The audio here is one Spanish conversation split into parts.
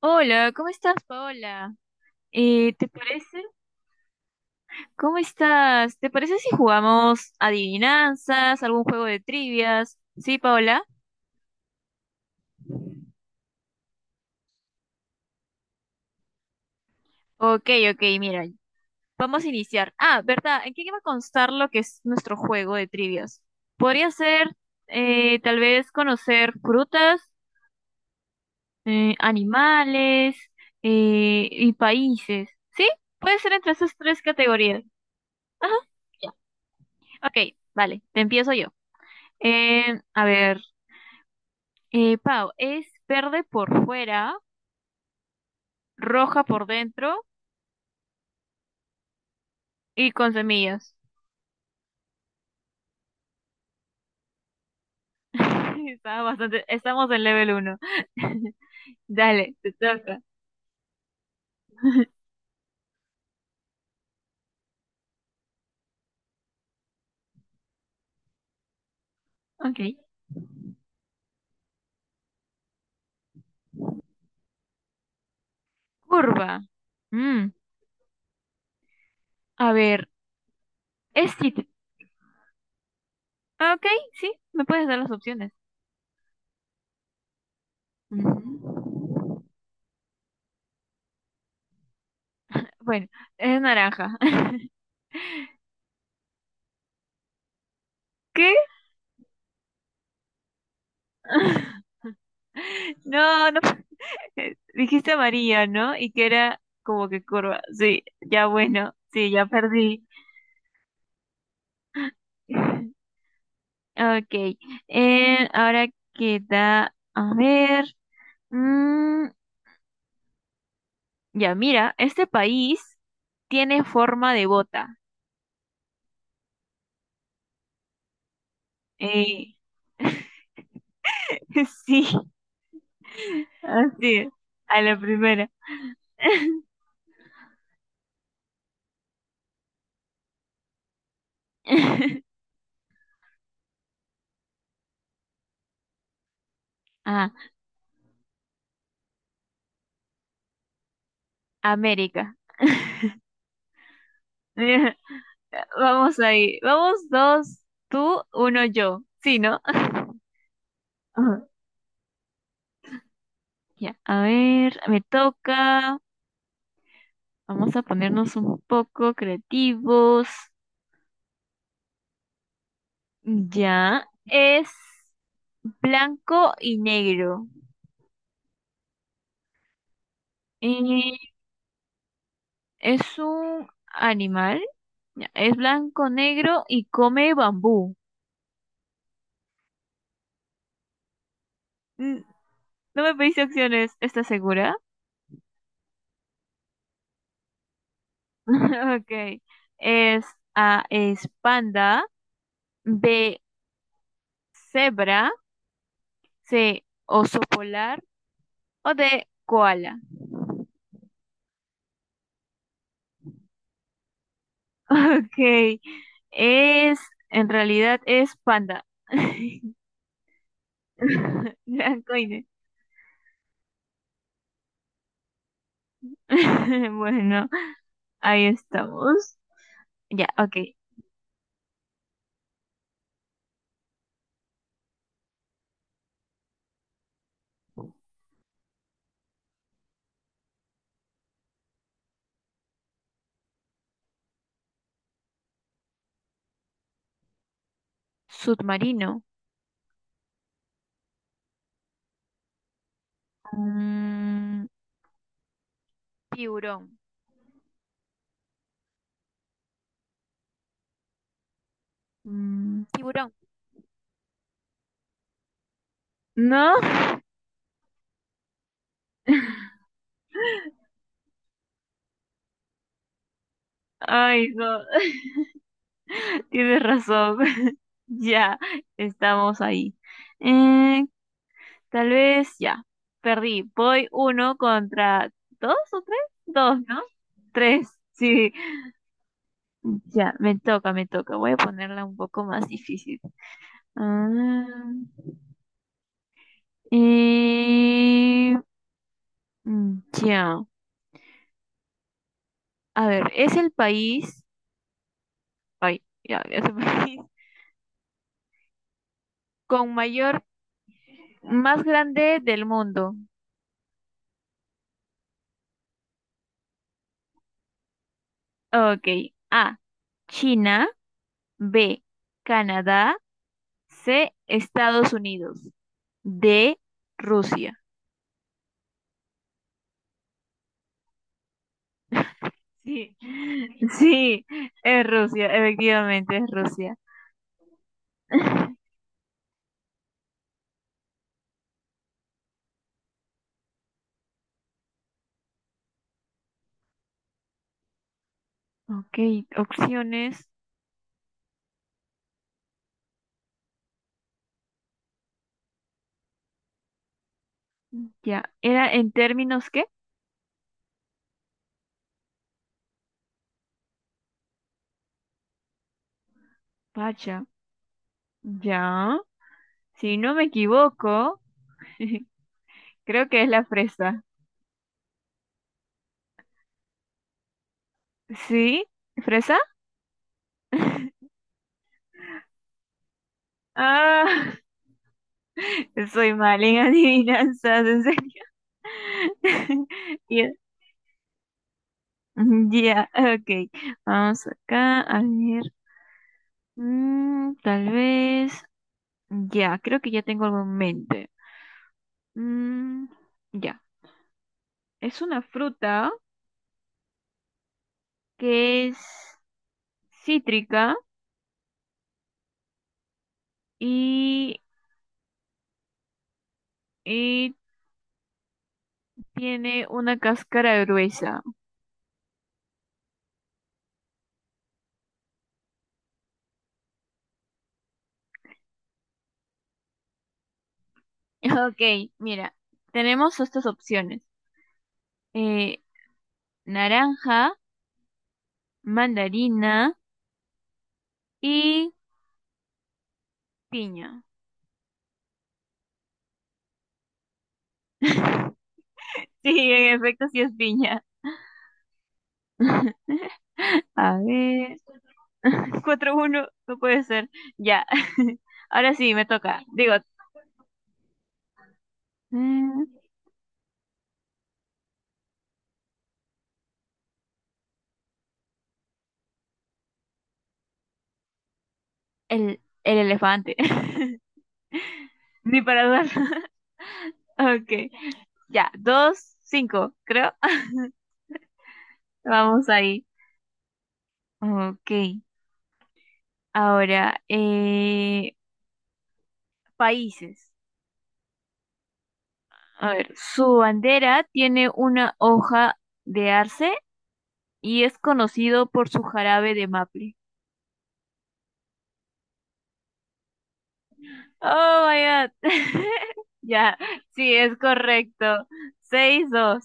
Hola, ¿cómo estás, Paola? ¿Te parece? ¿Cómo estás? ¿Te parece si jugamos adivinanzas, algún juego de trivias? ¿Sí, Paola? Ok, ok, mira, vamos a iniciar. Ah, ¿verdad? ¿En qué va a constar lo que es nuestro juego de trivias? Podría ser, tal vez, conocer frutas, animales, y países. ¿Sí? Puede ser entre esas tres categorías. Ajá, ya. Ok, vale, te empiezo yo. A ver. Pau, es verde por fuera, roja por dentro y con semillas. Está bastante, estamos en level uno. Dale, te toca. Ok. Curva. Mm, a ver, es cit- Ok, sí, me puedes dar las opciones. Ujú. Bueno, es naranja. ¿Qué? No, no. Dijiste amarilla, ¿no? Y que era como que curva. Sí, ya bueno, sí, ya perdí. Ok, ahora queda, a ver, mm, ya mira, este país tiene forma de bota. Eh, sí, así es, a la primera. Ah, América. Vamos ahí, vamos dos, tú, uno, yo. Sí, ¿no? Ajá. Ya, a ver, me toca. Vamos a ponernos un poco creativos. Ya, es. Blanco y negro. Eh, es un animal. Ya, es blanco, negro y come bambú. Mm, No me pediste opciones, ¿estás segura? Ok. Es A, es panda. B, cebra. C, oso polar. O D, koala. Ok. Es, en realidad es panda. Blanco y negro. Bueno, ahí estamos. Ya, ok. Submarino. Mm, Tiburón. Tiburón. ¿No? Ay, no, tienes razón. Ya, estamos ahí. Eh, Tal vez ya. Perdí. Voy uno contra dos o tres. Dos, ¿no? Tres. Sí. Ya, me toca, me toca. Voy a ponerla un poco más difícil. Ah, eh, ya. A ver, es el país. Ay, ya, ya se me con mayor, más grande del mundo. Ok. A. China. B. Canadá. C. Estados Unidos. D. Rusia. Sí. Sí, es Rusia, efectivamente es Rusia. Ok, opciones. Ya. ¿Era en términos qué? Pacha. Ya. Si no me equivoco, creo que es la fresa. ¿Sí? ¿Fresa? Ah, soy mal en adivinanzas, en serio. Ya, ya, ok. Vamos acá, a ver. Tal vez. Ya, creo que ya tengo algo en mente. Mm, ya. Es una fruta que es cítrica y, y tiene una cáscara gruesa. Ok, mira, tenemos estas opciones. Eh, Naranja, mandarina. Y piña. Sí, en efecto, sí es piña. A ver. 4-1 no puede ser. Ya. Ahora sí, me toca. Digo, mm, el elefante. Ni para dudar. Ok. Ya, 2-5 creo. Vamos ahí. Ok. Ahora, países. A ver, su bandera tiene una hoja de arce y es conocido por su jarabe de maple. Oh my God. Ya, sí, es correcto. 6-2.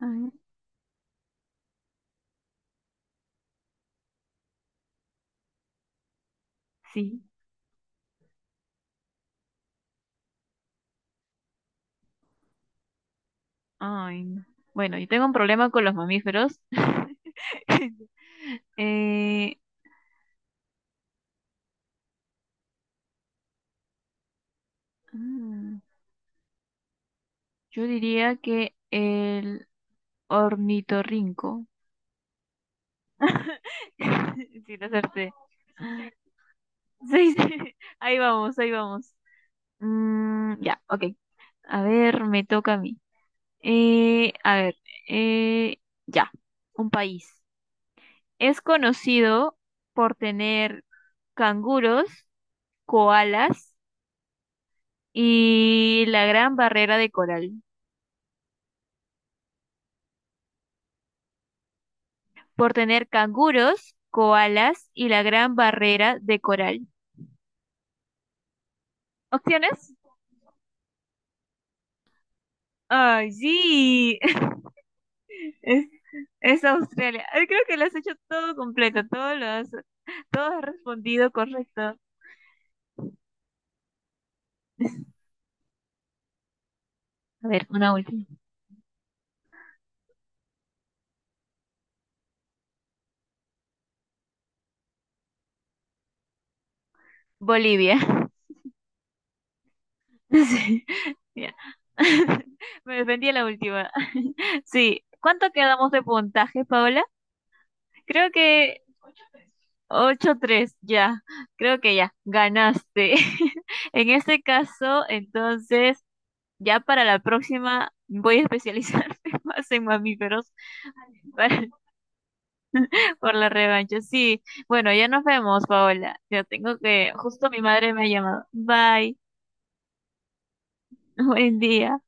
Ay, sí. Ay, no. Bueno, yo tengo un problema con los mamíferos. Eh, mm, yo diría que el ornitorrinco. Sí, lo acerté. Sí, sí. Ahí vamos, ahí vamos. Mm, ya, ok. A ver, me toca a mí. A ver, eh, ya, un país. Es conocido por tener canguros, koalas y la gran barrera de coral. Por tener canguros, koalas y la gran barrera de coral. ¿Opciones? Ay, sí. Es, es Australia. Ay, creo que lo has hecho todo completo, todo lo has, todo has respondido correcto. A ver, una última. Bolivia. Sí, ya. Me defendí a la última. Sí, ¿cuánto quedamos de puntaje, Paola? Creo que 8-3 ya. Creo que ya, ganaste. En este caso, entonces, ya para la próxima voy a especializarme más en mamíferos para- por la revancha. Sí, bueno, ya nos vemos, Paola. Ya tengo que, justo mi madre me ha llamado. Bye, buen día.